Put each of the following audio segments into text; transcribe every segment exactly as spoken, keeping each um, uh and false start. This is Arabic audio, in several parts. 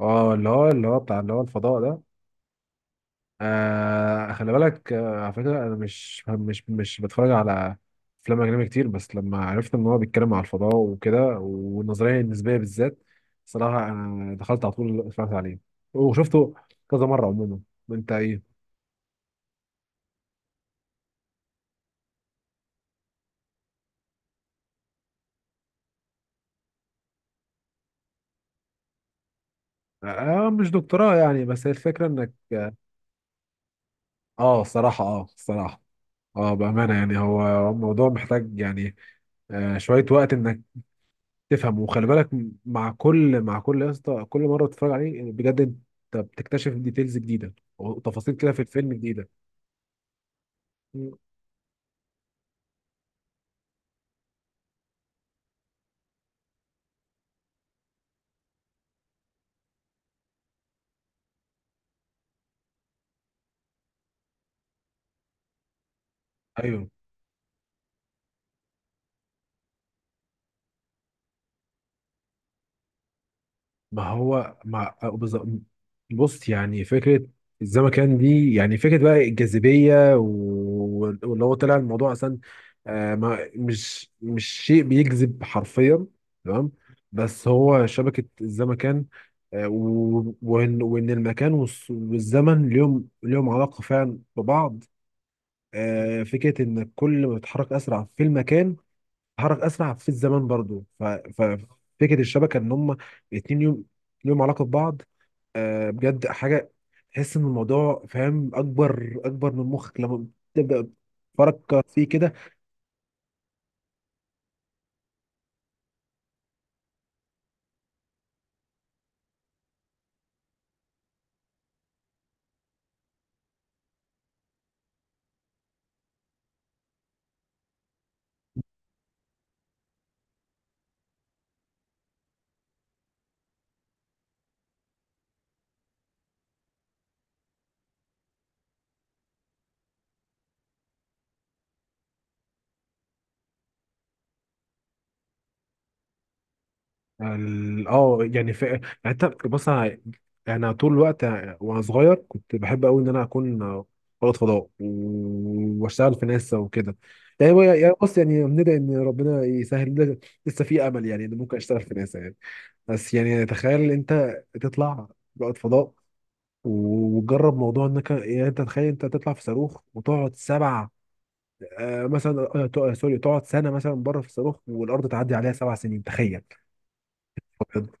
اه اللي هو اللي هو بتاع اللي هو الفضاء ده. آه خلي بالك، آه على فكرة أنا مش مش مش بتفرج على أفلام أجنبي كتير، بس لما عرفت إن هو بيتكلم على الفضاء وكده والنظرية النسبية بالذات، صراحة أنا دخلت على طول اتفرجت عليه وشفته كذا مرة عموما. أنت إيه؟ آه مش دكتوراه يعني، بس هي الفكرة إنك... آه الصراحة آه الصراحة، آه بأمانة يعني هو هو الموضوع محتاج يعني آه شوية وقت إنك تفهم، وخلي بالك مع كل مع كل يا اسطى، كل مره بتتفرج عليه بجد انت بتكتشف ديتيلز جديده وتفاصيل كده في الفيلم جديده. مم. ايوه، ما هو ما بالظبط- بص، يعني فكرة الزمكان دي، يعني فكرة بقى الجاذبية و- واللي هو طلع الموضوع أصلا، آه، ما مش مش شيء بيجذب حرفيا، تمام، بس هو شبكة الزمكان. آه، و- وإن وإن المكان والس- والزمن ليهم ليهم علاقة فعلا ببعض. آه، فكرة إن كل ما بتتحرك أسرع في المكان اتحرك اسرع في الزمن برضو، ف... ففكره الشبكه ان هم اتنين يوم ليهم علاقه ببعض. آه بجد حاجه تحس ان الموضوع فاهم، اكبر اكبر من مخك لما تبدا تفكر فيه كده. ال- اه يعني ف... يعني انت بص، انا يعني طول الوقت وانا صغير كنت بحب قوي ان انا اكون رائد فضاء و- واشتغل في ناسا وكده. يعني يعني بص، يعني ندعي ان ربنا يسهل لنا، لسه في امل يعني ان ممكن اشتغل في ناسا يعني. بس يعني تخيل انت تطلع رائد فضاء، وجرب موضوع انك يعني انت تخيل انت تطلع في صاروخ وتقعد سبع... آه مثلا آه تق- آه، سوري تقعد سنه مثلا بره في الصاروخ والارض تعدي عليها سبع سنين، تخيل. أبيض.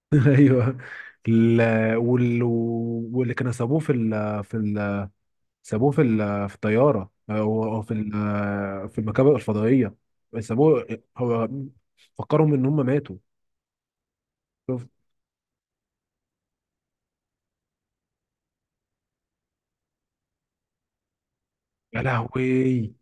ايوه. ال- وال- واللي كانوا سابوه في ال في ال سابوه في ال في الطياره او أو في ال- في المركبه الفضائيه، سابوه هو، فكرهم ان هم ماتوا. شفت؟ يا لهوي.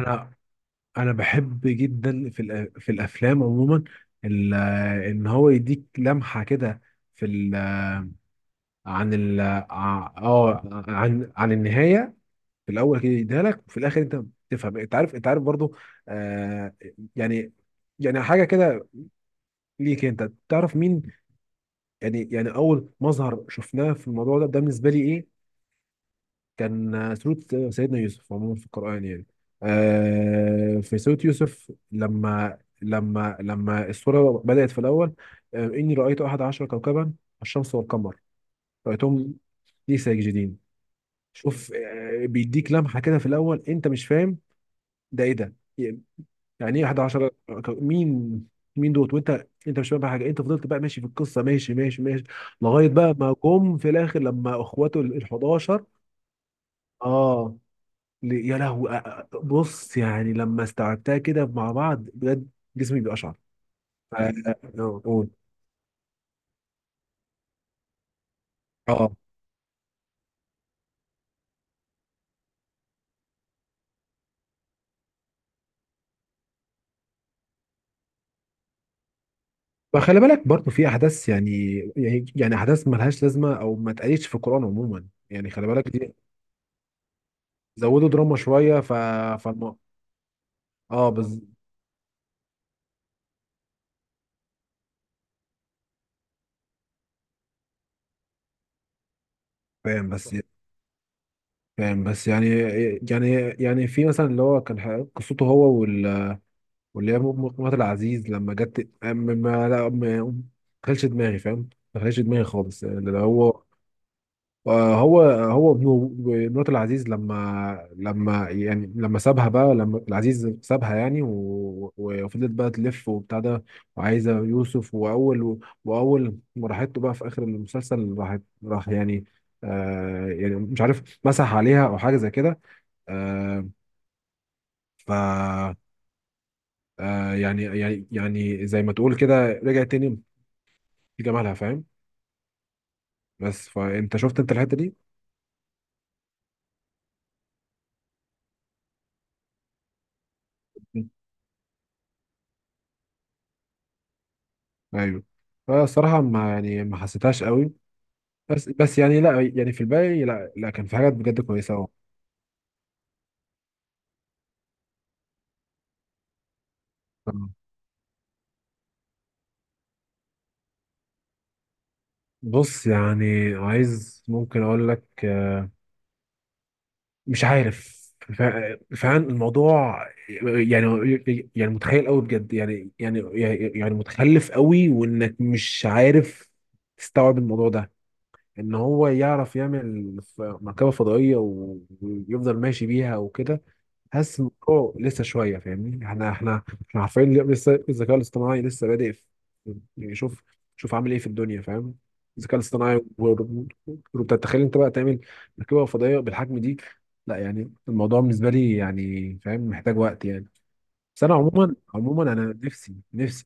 انا انا بحب جدا في الأ- في الافلام عموما، ال- ان هو يديك لمحه كده في ال عن ال ع- اه عن عن النهايه في الاول، كده يديها لك، وفي الاخر انت تفهم، انت عارف، انت عارف برضو. آه يعني يعني حاجه كده ليك انت تعرف مين. يعني يعني اول مظهر شفناه في الموضوع ده ده بالنسبه لي ايه؟ كان سورة سيدنا يوسف عموما في القرآن يعني. آه في سورة يوسف لما لما لما السورة بدأت في الأول: آه إني رأيت أحد عشر كوكبا، الشمس والقمر، رأيتهم لي ساجدين. شوف، آه بيديك لمحة كده في الأول أنت مش فاهم ده إيه ده. يعني إيه أحد عشر كو- مين؟ مين دوت، وأنت أنت مش فاهم بقى حاجة، أنت فضلت بقى ماشي في القصة، ماشي ماشي ماشي، لغاية بقى ما جم في الآخر لما إخواته ال الأحد عشر. اه. ل- يا لهوي، أ- أ- بص يعني لما استوعبتها كده مع بعض بجد جسمي بيقشعر. ف- آه، قول. اه، فخلي بالك برضو في احداث، يعني يعني يعني احداث ملهاش لازمه او ما اتقالتش في القران عموما، يعني خلي بالك دي زودوا دراما شويه. ف فالم... اه بز... فاهم بس، فاهم بس يعني يعني يعني في مثلا اللي هو كان ح- قصته هو وال... واللي هي مرات العزيز، لما جت ما ما لا ما ما دخلش دماغي فاهم، ما دخلش دماغي خالص. يعني اللي هو هو هو ابنه مرات العزيز، لما لما يعني لما سابها بقى لما العزيز سابها يعني، و- و- وفضلت بقى تلف وبتاع ده، وعايزه يوسف، واول واول ما راحت له بقى في اخر المسلسل، راح راح يعني آه يعني مش عارف مسح عليها او حاجه زي كده. آه ف آه يعني يعني يعني زي ما تقول كده رجعت تاني لجمالها، فاهم. بس فانت شفت انت الحته دي؟ ايوه. فالصراحه ما يعني ما حسيتهاش قوي. بس بس يعني لا، يعني في الباقي لا لا، كان في حاجات بجد كويسة أوي. بص، يعني عايز ممكن أقول لك آه، مش عارف. ف- فعلا الموضوع يعني يعني متخيل قوي بجد، يعني يعني يعني متخلف قوي، وإنك مش عارف تستوعب الموضوع ده، إن هو يعرف يعمل ف- مركبة فضائية و- ويفضل ماشي بيها وكده. حاسس الموضوع لسه شويه، فاهمني؟ احنا احنا احنا عارفين اللي لسه الذكاء الاصطناعي لسه بادئ في يعني شوف، شوف عامل ايه في الدنيا، فاهم؟ الذكاء الاصطناعي وروبوتات، تخيل انت بقى تعمل مركبه فضائيه بالحجم دي! لا يعني الموضوع بالنسبه لي يعني فاهم محتاج وقت يعني. بس انا عموما عموما انا نفسي نفسي...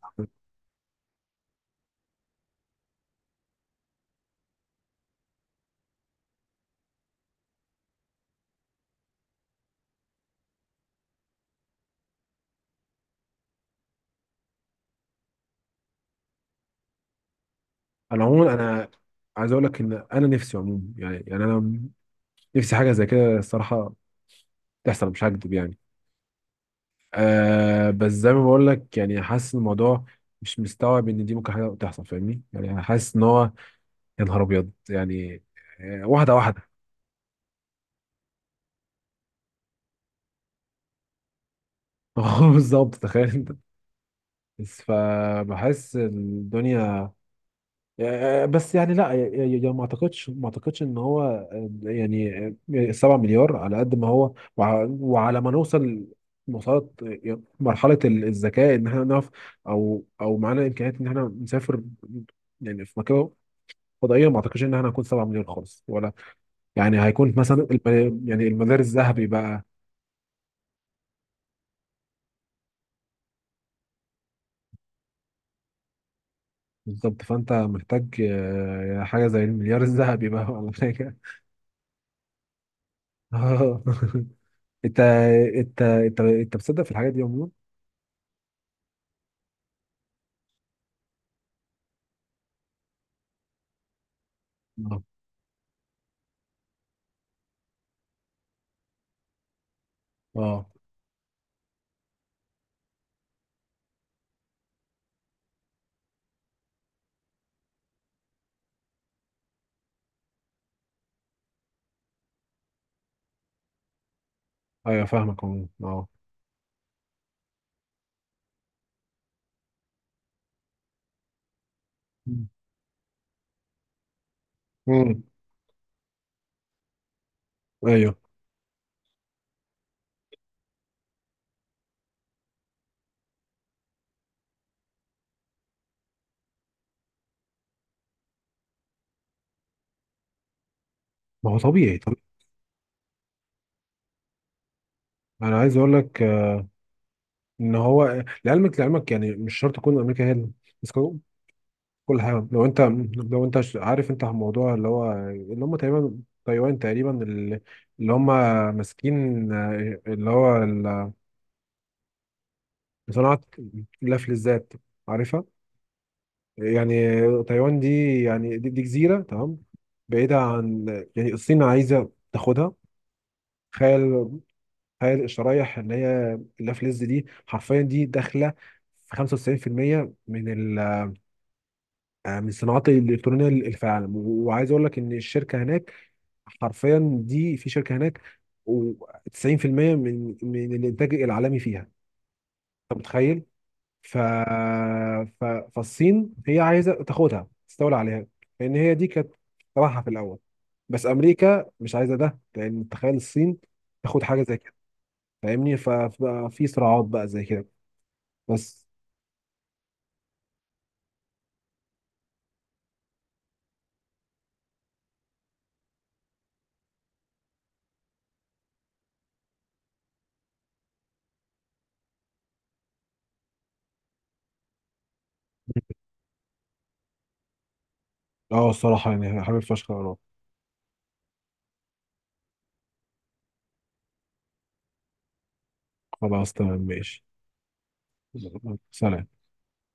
انا عموما انا عايز اقول لك ان انا نفسي عموما يعني يعني انا نفسي حاجه زي كده، الصراحه، تحصل، مش هكدب يعني. آه بس زي ما بقول لك يعني حاسس الموضوع مش مستوعب ان دي ممكن حاجه تحصل، فاهمني؟ يعني انا حاسس ان هو يا نهار ابيض يعني. آه، واحده واحده. هو بالظبط تخيل انت. بس فبحس الدنيا آه، بس يعني لا، ي- ي- ي- ما اعتقدش ما اعتقدش ان هو آه، يعني آه، سبع مليار، على قد ما هو وع- وعلى ما نوصل، وصلت مرحله ال- الذكاء، ان احنا نعرف او او معانا امكانيات ان احنا نسافر يعني في مكان فضائيه، ما اعتقدش ان احنا هنكون سبعة مليون خالص، ولا يعني هيكون مثلا الم... يعني المليار الذهبي بقى. بالظبط، فانت محتاج آه، حاجه زي المليار الذهبي بقى، ولا حاجه. اه. انت انت انت انت بتصدق في الحاجات دي عموما؟ اه اه. ايوه فاهمك عموما، اه. امم. ايوه، ما هو طبيعي طبيعي انا عايز اقول لك آه، ان هو لعلمك، لعلمك يعني مش شرط تكون امريكا هي كل حاجة. لو انت لو انت ش- عارف انت الموضوع اللي هو، اللي هم تقريبا تايوان تقريبا اللي اللي هم ماسكين آه، اللي هو ال- صناعة الأكل الذات، عارفها؟ يعني تايوان دي، يعني دي, دي جزيرة تمام، بعيدة عن يعني الصين عايزة تاخدها. تخيل، تخيل الشرايح اللي هي اللافلز دي حرفيا، دي داخلة في خمسة وتسعين في المية من ال- من الصناعات الإلكترونية اللي في العالم. وعايز أقول لك إن الشركة هناك حرفيا، دي في شركه هناك و90% من من الانتاج العالمي فيها. انت متخيل؟ ف... ف... فالصين هي عايزه تاخدها تستولى عليها، لان هي دي كانت طمعها في الاول. بس امريكا مش عايزه ده، لان تخيل الصين تاخد حاجه زي كده، فاهمني؟ ف- ففي صراعات بقى زي كده. بس اه، الصراحه يعني حابب فشخ اروح. خلاص تمام ماشي. سلام.